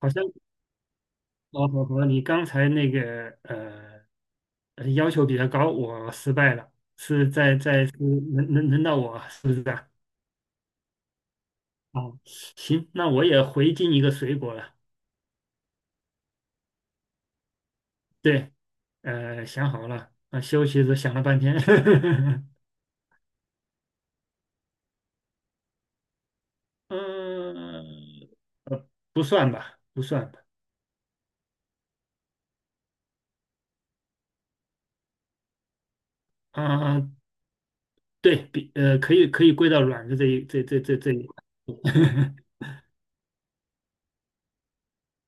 好像哦和你刚才那个要求比较高，我失败了，是在在是轮到我是不是啊？哦，行，那我也回敬一个水果了。对，想好了，啊，休息时想了半天，嗯呃，不算吧，啊，对比可以归到软的这一这这这这一块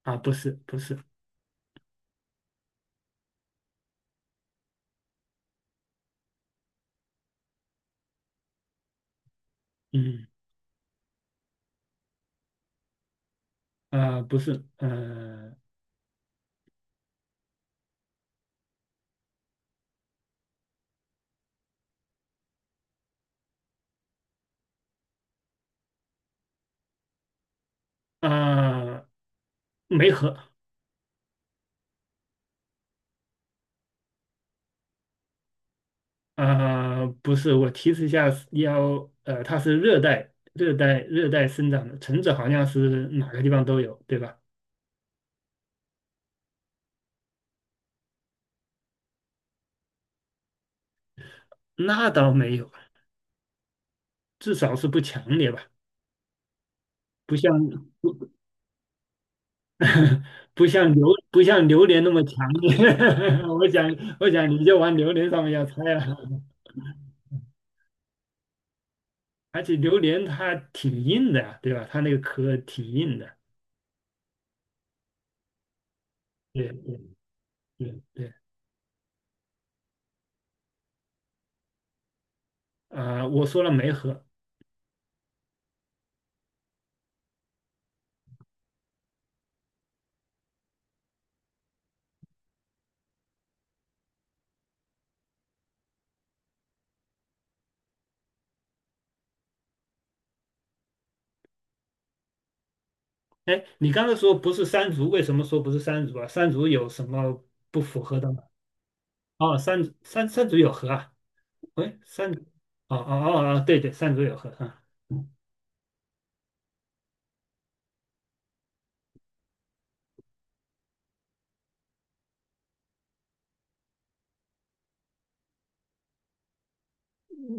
啊，不是，嗯啊、不是啊。没核啊？不是，我提示一下，它是热带生长的，橙子好像是哪个地方都有，对吧？那倒没有，至少是不强烈吧，不像不 不像不像榴莲那么强烈。我想，我想你就往榴莲上面要猜了，而且榴莲它挺硬的呀，对吧？它那个壳挺硬的。对对对，对，啊、我说了没核。哎，你刚才说不是山竹，为什么说不是山竹啊？山竹有什么不符合的吗？哦，山竹有核啊？喂，山竹，哦，对对，山竹有核啊。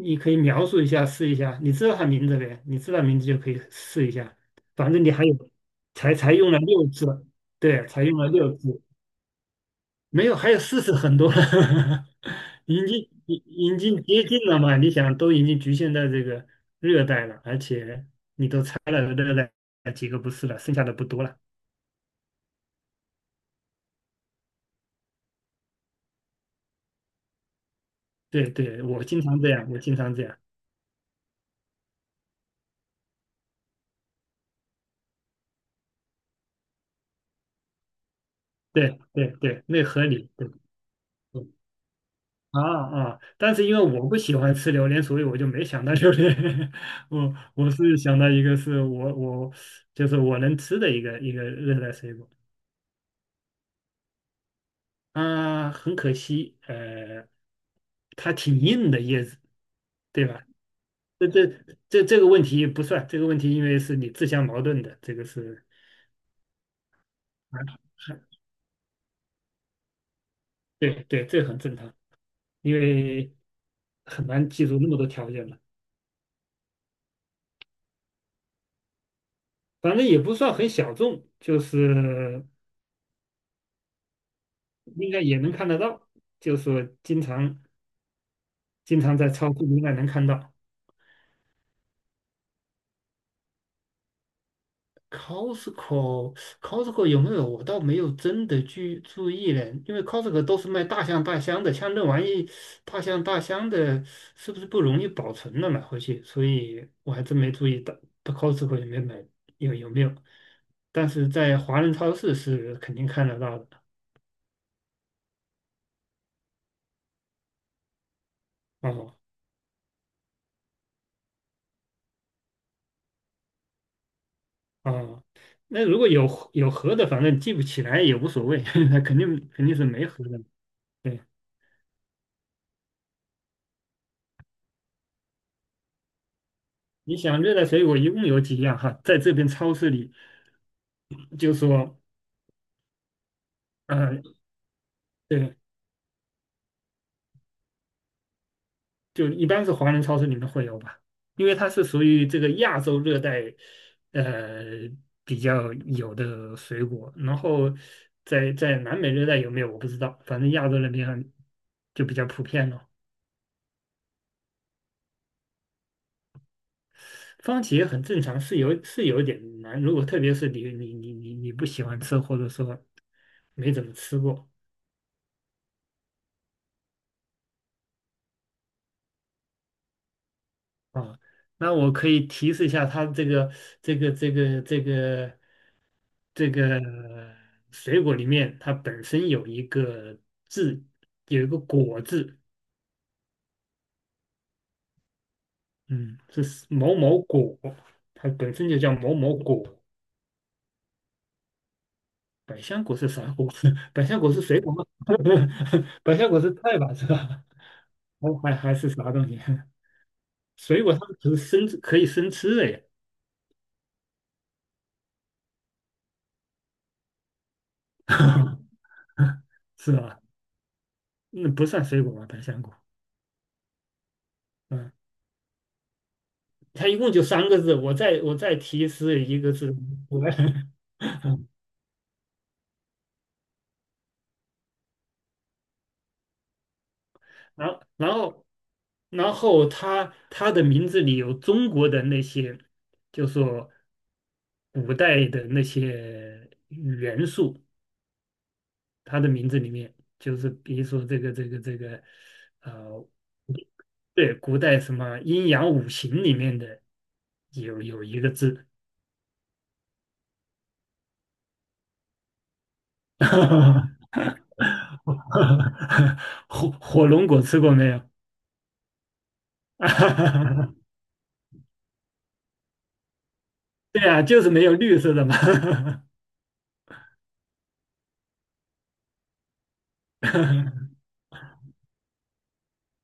你可以描述一下，试一下。你知道它名字呗？你知道名字就可以试一下。反正你还有，才用了六次，对，才用了六次。没有，还有四十很多了，已经接近了嘛？你想，都已经局限在这个热带了，而且你都猜了热带几个不是了，剩下的不多了。对对，我经常这样，我经常这样。对，那合理。对对啊啊！但是因为我不喜欢吃榴莲，所以我就没想到榴莲。我是想到一个是我我就是我能吃的一个热带水果。啊，很可惜，它挺硬的叶子，对吧？这这这个问题不算，这个问题因为是你自相矛盾的，这个是啊很对对，这很正常，因为很难记住那么多条件嘛。反正也不算很小众，就是应该也能看得到，就是说经常在超市应该能看到。Costco Costco 有没有？我倒没有真的去注意嘞，因为 Costco 都是卖大箱大箱的，像那玩意大箱大箱的，是不是不容易保存了买回去？所以我还真没注意到Costco 有没买有没有，但是在华人超市是肯定看得到的。哦哦，那如果有盒的，反正记不起来也无所谓，那肯定是没盒的。对，你想热带水果一共有几样哈？在这边超市里就说。嗯，对，就一般是华人超市里面会有吧，因为它是属于这个亚洲热带，呃，比较有的水果。然后在在南美热带有没有我不知道，反正亚洲那边就比较普遍了。番茄很正常，是有是有点难，如果特别是你不喜欢吃，或者说没怎么吃过啊，那我可以提示一下它这个。这个水果里面它本身有一个字，有一个果字，嗯，这是某某果，它本身就叫某某果。百香果是啥果？百香果是水果吗？百香果是菜吧，是吧？还是啥东西？水果它只是生吃可以生吃的呀，是吧？那不算水果吧，百香果。嗯，它一共就三个字，我再提示一个字，我来 然后，然后他的名字里有中国的那些，就说古代的那些元素，他的名字里面就是比如说这个，呃，对，古代什么阴阳五行里面的有一个字，火龙果吃过没有？对啊，就是没有绿色的嘛。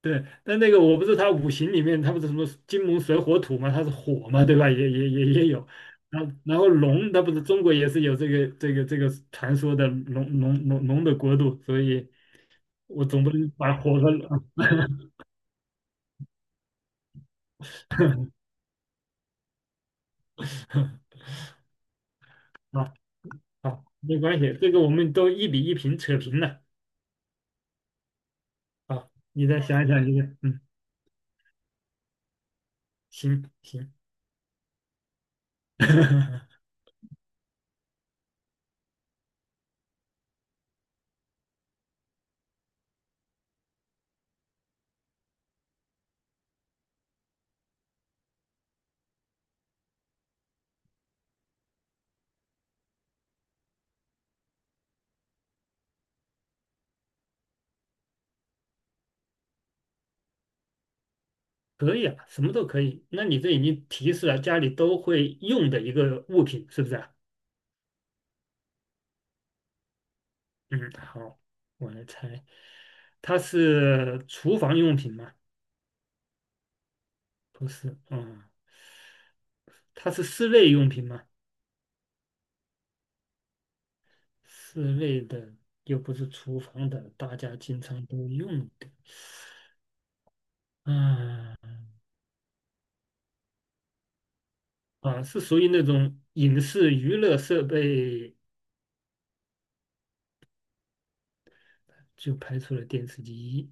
对，但那个我不是他五行里面，他不是什么金木水火土嘛，他是火嘛，对吧？也有，然后龙，它不是中国也是有这个这个这个传说的龙的国度，所以我总不能把火和啊 啊好没关系，这个我们都一比一平扯平了啊，你再想一想这个，嗯，行，可以啊，什么都可以。那你这已经提示了家里都会用的一个物品，是不是啊？嗯，好，我来猜，它是厨房用品吗？不是，嗯，它是室内用品吗？室内的又不是厨房的，大家经常都用的。嗯，啊，是属于那种影视娱乐设备，就排除了电视机。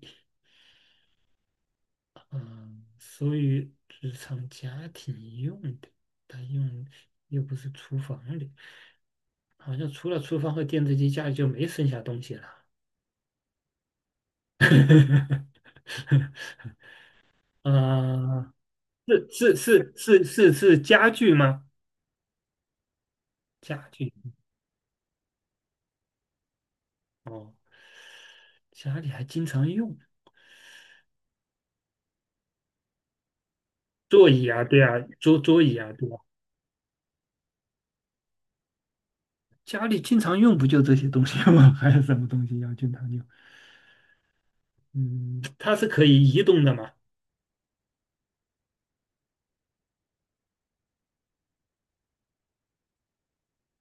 嗯，属于日常家庭用的，它用又不是厨房的，好像除了厨房和电视机，家里就没剩下东西了。呵呵呵啊，是家具吗？家具哦，家里还经常用座椅啊，对啊，桌桌椅啊，对吧？家里经常用不就这些东西吗？还有什么东西要经常用？嗯，它是可以移动的嘛？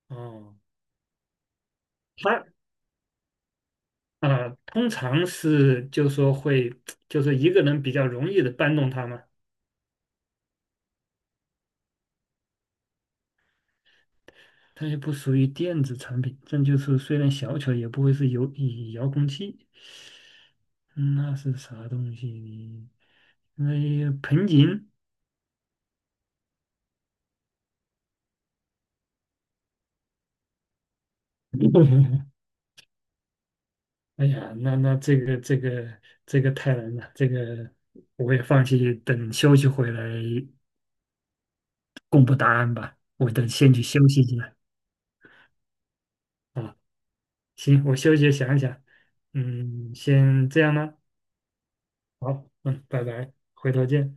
哦，它啊，通常是就说会，就是一个人比较容易的搬动它嘛。它也不属于电子产品，这就是虽然小巧，也不会是有以遥控器。嗯那是啥东西呢？那盆景？哎呀，那那这个这个这个太难了，这个我也放弃，等休息回来公布答案吧。我等先去休息一下啊。行，我休息想一想，嗯，先这样呢。好，嗯，拜拜，回头见。